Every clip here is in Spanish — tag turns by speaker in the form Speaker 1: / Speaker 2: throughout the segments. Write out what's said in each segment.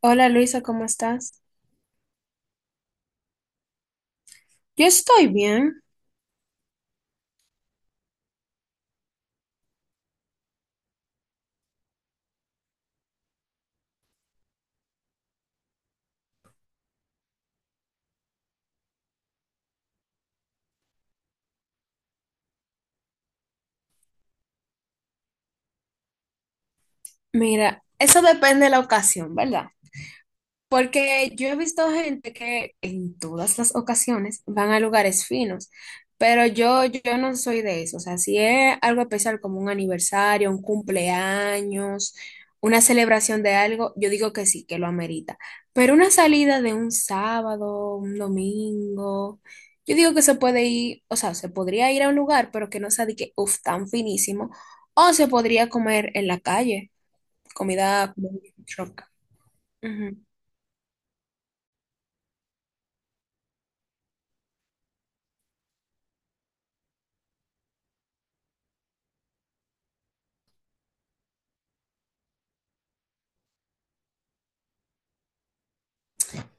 Speaker 1: Hola Luisa, ¿cómo estás? Yo estoy bien. Mira, eso depende de la ocasión, ¿verdad? Porque yo he visto gente que en todas las ocasiones van a lugares finos, pero yo no soy de eso. O sea, si es algo especial como un aniversario, un cumpleaños, una celebración de algo, yo digo que sí, que lo amerita. Pero una salida de un sábado, un domingo, yo digo que se puede ir, o sea, se podría ir a un lugar, pero que no sea de que, uff, tan finísimo, o se podría comer en la calle, comida como truck. Ujú.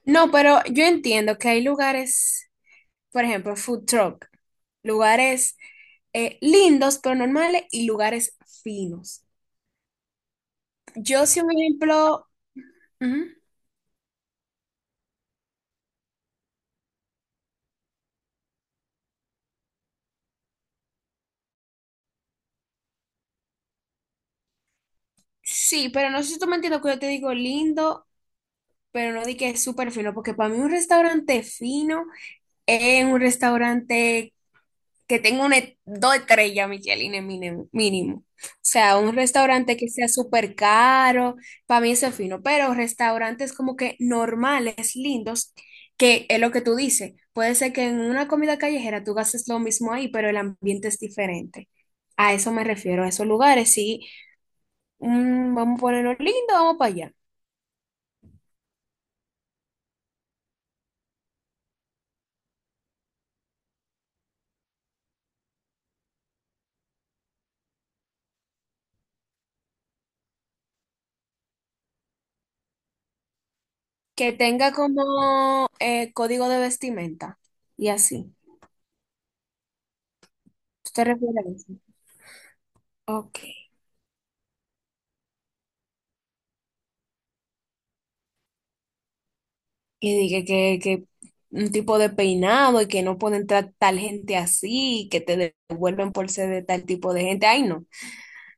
Speaker 1: No, pero yo entiendo que hay lugares, por ejemplo, food truck, lugares lindos pero normales y lugares finos. Yo sí, un ejemplo, ujú, sí, pero no sé si tú me entiendes que yo te digo lindo, pero no di que es súper fino, porque para mí un restaurante fino es un restaurante que tenga dos estrellas Michelin en mínimo. O sea, un restaurante que sea súper caro, para mí eso es fino, pero restaurantes como que normales, lindos, que es lo que tú dices. Puede ser que en una comida callejera tú gastes lo mismo ahí, pero el ambiente es diferente. A eso me refiero, a esos lugares, sí. Mm, vamos a ponerlo lindo, vamos para allá. Que tenga como código de vestimenta y así. ¿Tú te refieres a eso? Ok. Y dije que un tipo de peinado y que no pueden tratar tal gente así, y que te devuelven por ser de tal tipo de gente. Ay, no.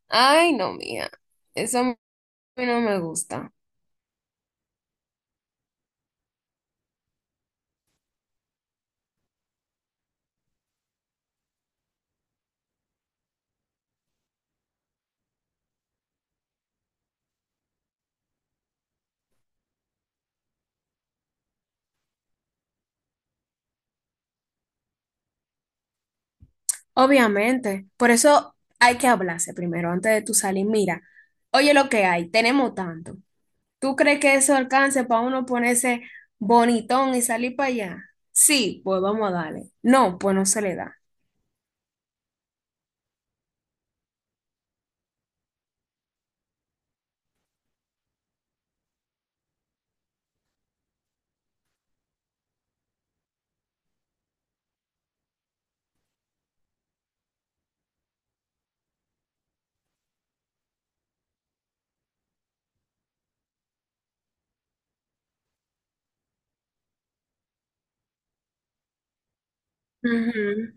Speaker 1: Ay, no, mía. Eso a mí no me gusta. Obviamente. Por eso hay que hablarse primero antes de tu salir. Mira, oye lo que hay, tenemos tanto. ¿Tú crees que eso alcance para uno ponerse bonitón y salir para allá? Sí, pues vamos a darle. No, pues no se le da. Ujú.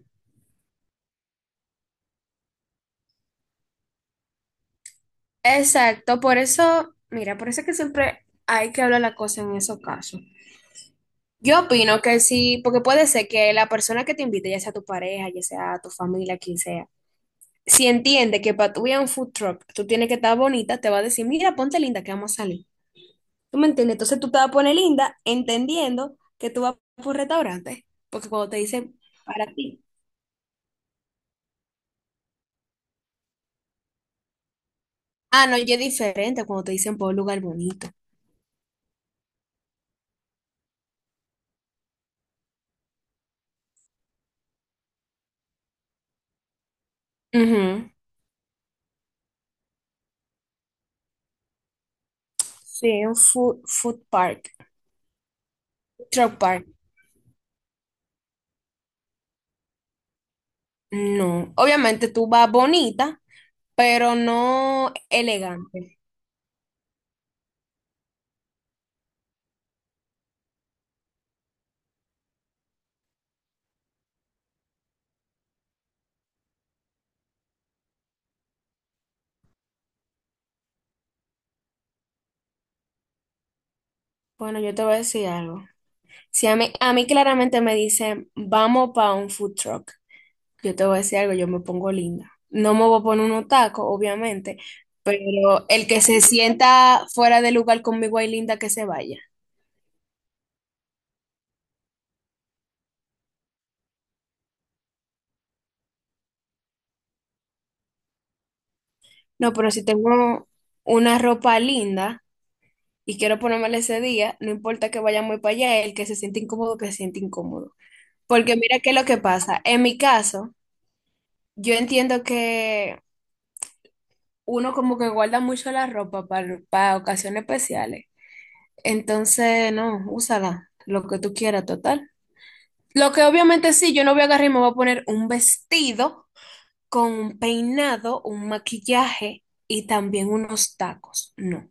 Speaker 1: Exacto, por eso, mira, por eso es que siempre hay que hablar la cosa en esos casos. Yo opino que sí, porque puede ser que la persona que te invite, ya sea tu pareja, ya sea tu familia, quien sea, si entiende que para tu ir a un food truck tú tienes que estar bonita, te va a decir, mira, ponte linda que vamos a salir. ¿Tú me entiendes? Entonces tú te vas a poner linda entendiendo que tú vas por un restaurante, porque cuando te dicen para ti. Ah, no, ya es diferente cuando te dicen por un lugar bonito. Ujú. Sí, un food park, truck park. No, obviamente tú vas bonita, pero no elegante. Bueno, yo te voy a decir algo. Si a mí claramente me dicen, vamos para un food truck, yo te voy a decir algo, yo me pongo linda. No me voy a poner unos tacos, obviamente, pero el que se sienta fuera de lugar conmigo hay linda que se vaya. No, pero si tengo una ropa linda y quiero ponérmela ese día, no importa que vaya muy para allá, el que se siente incómodo, que se siente incómodo. Porque mira qué es lo que pasa. En mi caso, yo entiendo que uno como que guarda mucho la ropa para ocasiones especiales. Entonces, no, úsala, lo que tú quieras, total. Lo que obviamente sí, yo no voy a agarrar y me voy a poner un vestido con un peinado, un maquillaje y también unos tacos. No.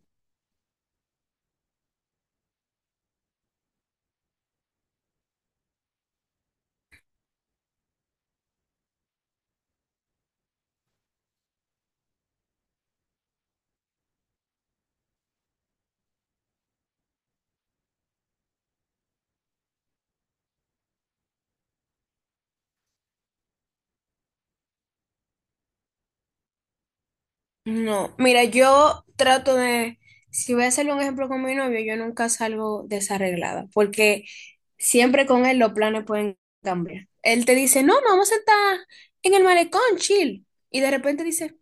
Speaker 1: No, mira, yo trato de, si voy a hacerle un ejemplo con mi novio, yo nunca salgo desarreglada, porque siempre con él los planes pueden cambiar. Él te dice, no, no, vamos a estar en el malecón, chill. Y de repente dice,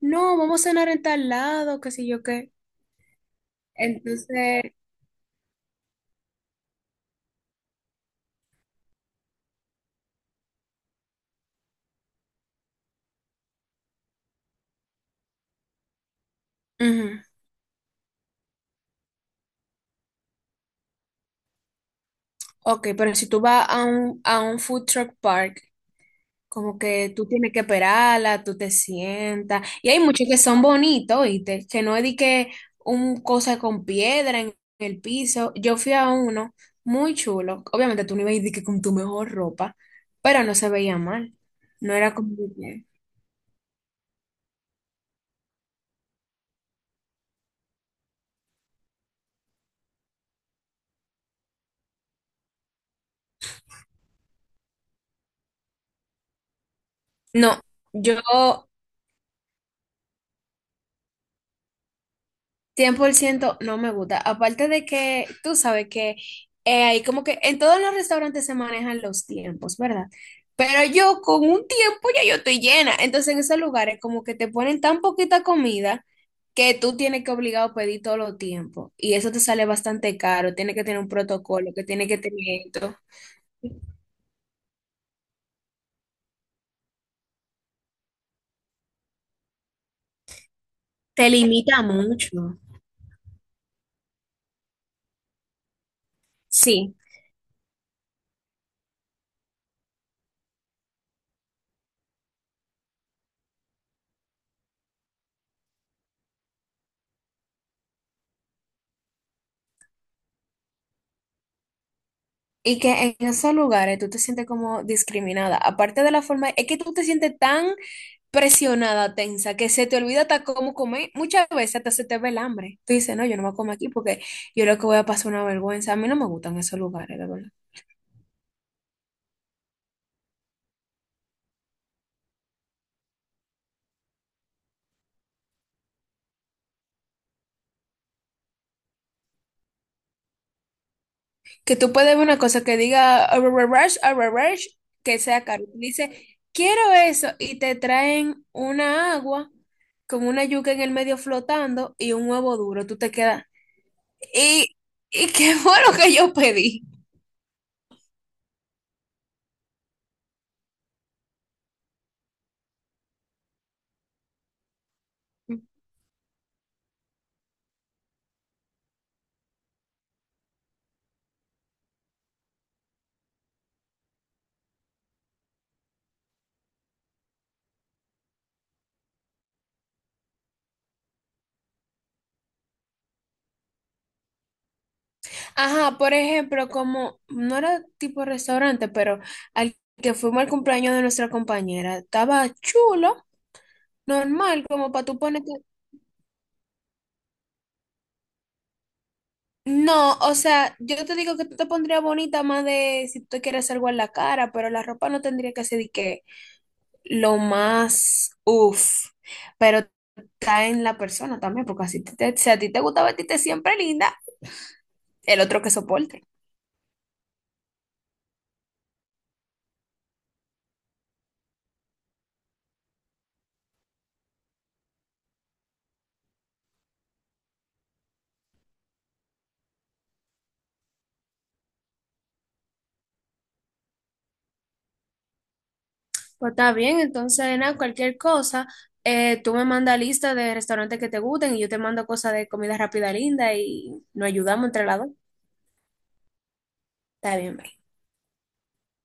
Speaker 1: no, vamos a cenar en tal lado, qué sé yo qué. Entonces, ujú, ok, pero si tú vas a a un food truck park, como que tú tienes que esperarla, tú te sientas. Y hay muchos que son bonitos, ¿oíste? Que no es de que un cosa con piedra en el piso. Yo fui a uno muy chulo. Obviamente tú no ibas a ir de que con tu mejor ropa, pero no se veía mal. No era como que... No, yo 100% no me gusta. Aparte de que tú sabes que hay como que en todos los restaurantes se manejan los tiempos, ¿verdad? Pero yo con un tiempo ya yo estoy llena. Entonces en esos lugares como que te ponen tan poquita comida que tú tienes que obligado a pedir todo los tiempo. Y eso te sale bastante caro. Tienes que tener un protocolo, que tiene que tener esto. Te limita mucho. Sí. Y que en esos lugares tú te sientes como discriminada. Aparte de la forma, es que tú te sientes tan presionada, tensa, que se te olvida hasta cómo comer. Muchas veces hasta se te ve el hambre. Tú dices, no, yo no me como aquí porque yo lo que voy a pasar una vergüenza. A mí no me gustan esos lugares, de verdad. Que tú puedes ver una cosa que diga, "Arrararash, arrararash", que sea caro. Tú dices, quiero eso. Y te traen una agua con una yuca en el medio flotando y un huevo duro. Tú te quedas. ¿Y, y qué fue lo que yo pedí? Ajá, por ejemplo, como no era tipo restaurante, pero al que fuimos al cumpleaños de nuestra compañera, estaba chulo, normal, como para tú ponerte. No, o sea, yo te digo que tú te pondrías bonita más de si tú quieres algo en la cara, pero la ropa no tendría que ser de que lo más uff, pero está en la persona también, porque así te, si a ti te gusta vestirte siempre linda, el otro que soporte. Pues está bien, entonces nada, cualquier cosa, tú me mandas lista de restaurantes que te gusten y yo te mando cosas de comida rápida linda y nos ayudamos entre las dos. Está bien, bye.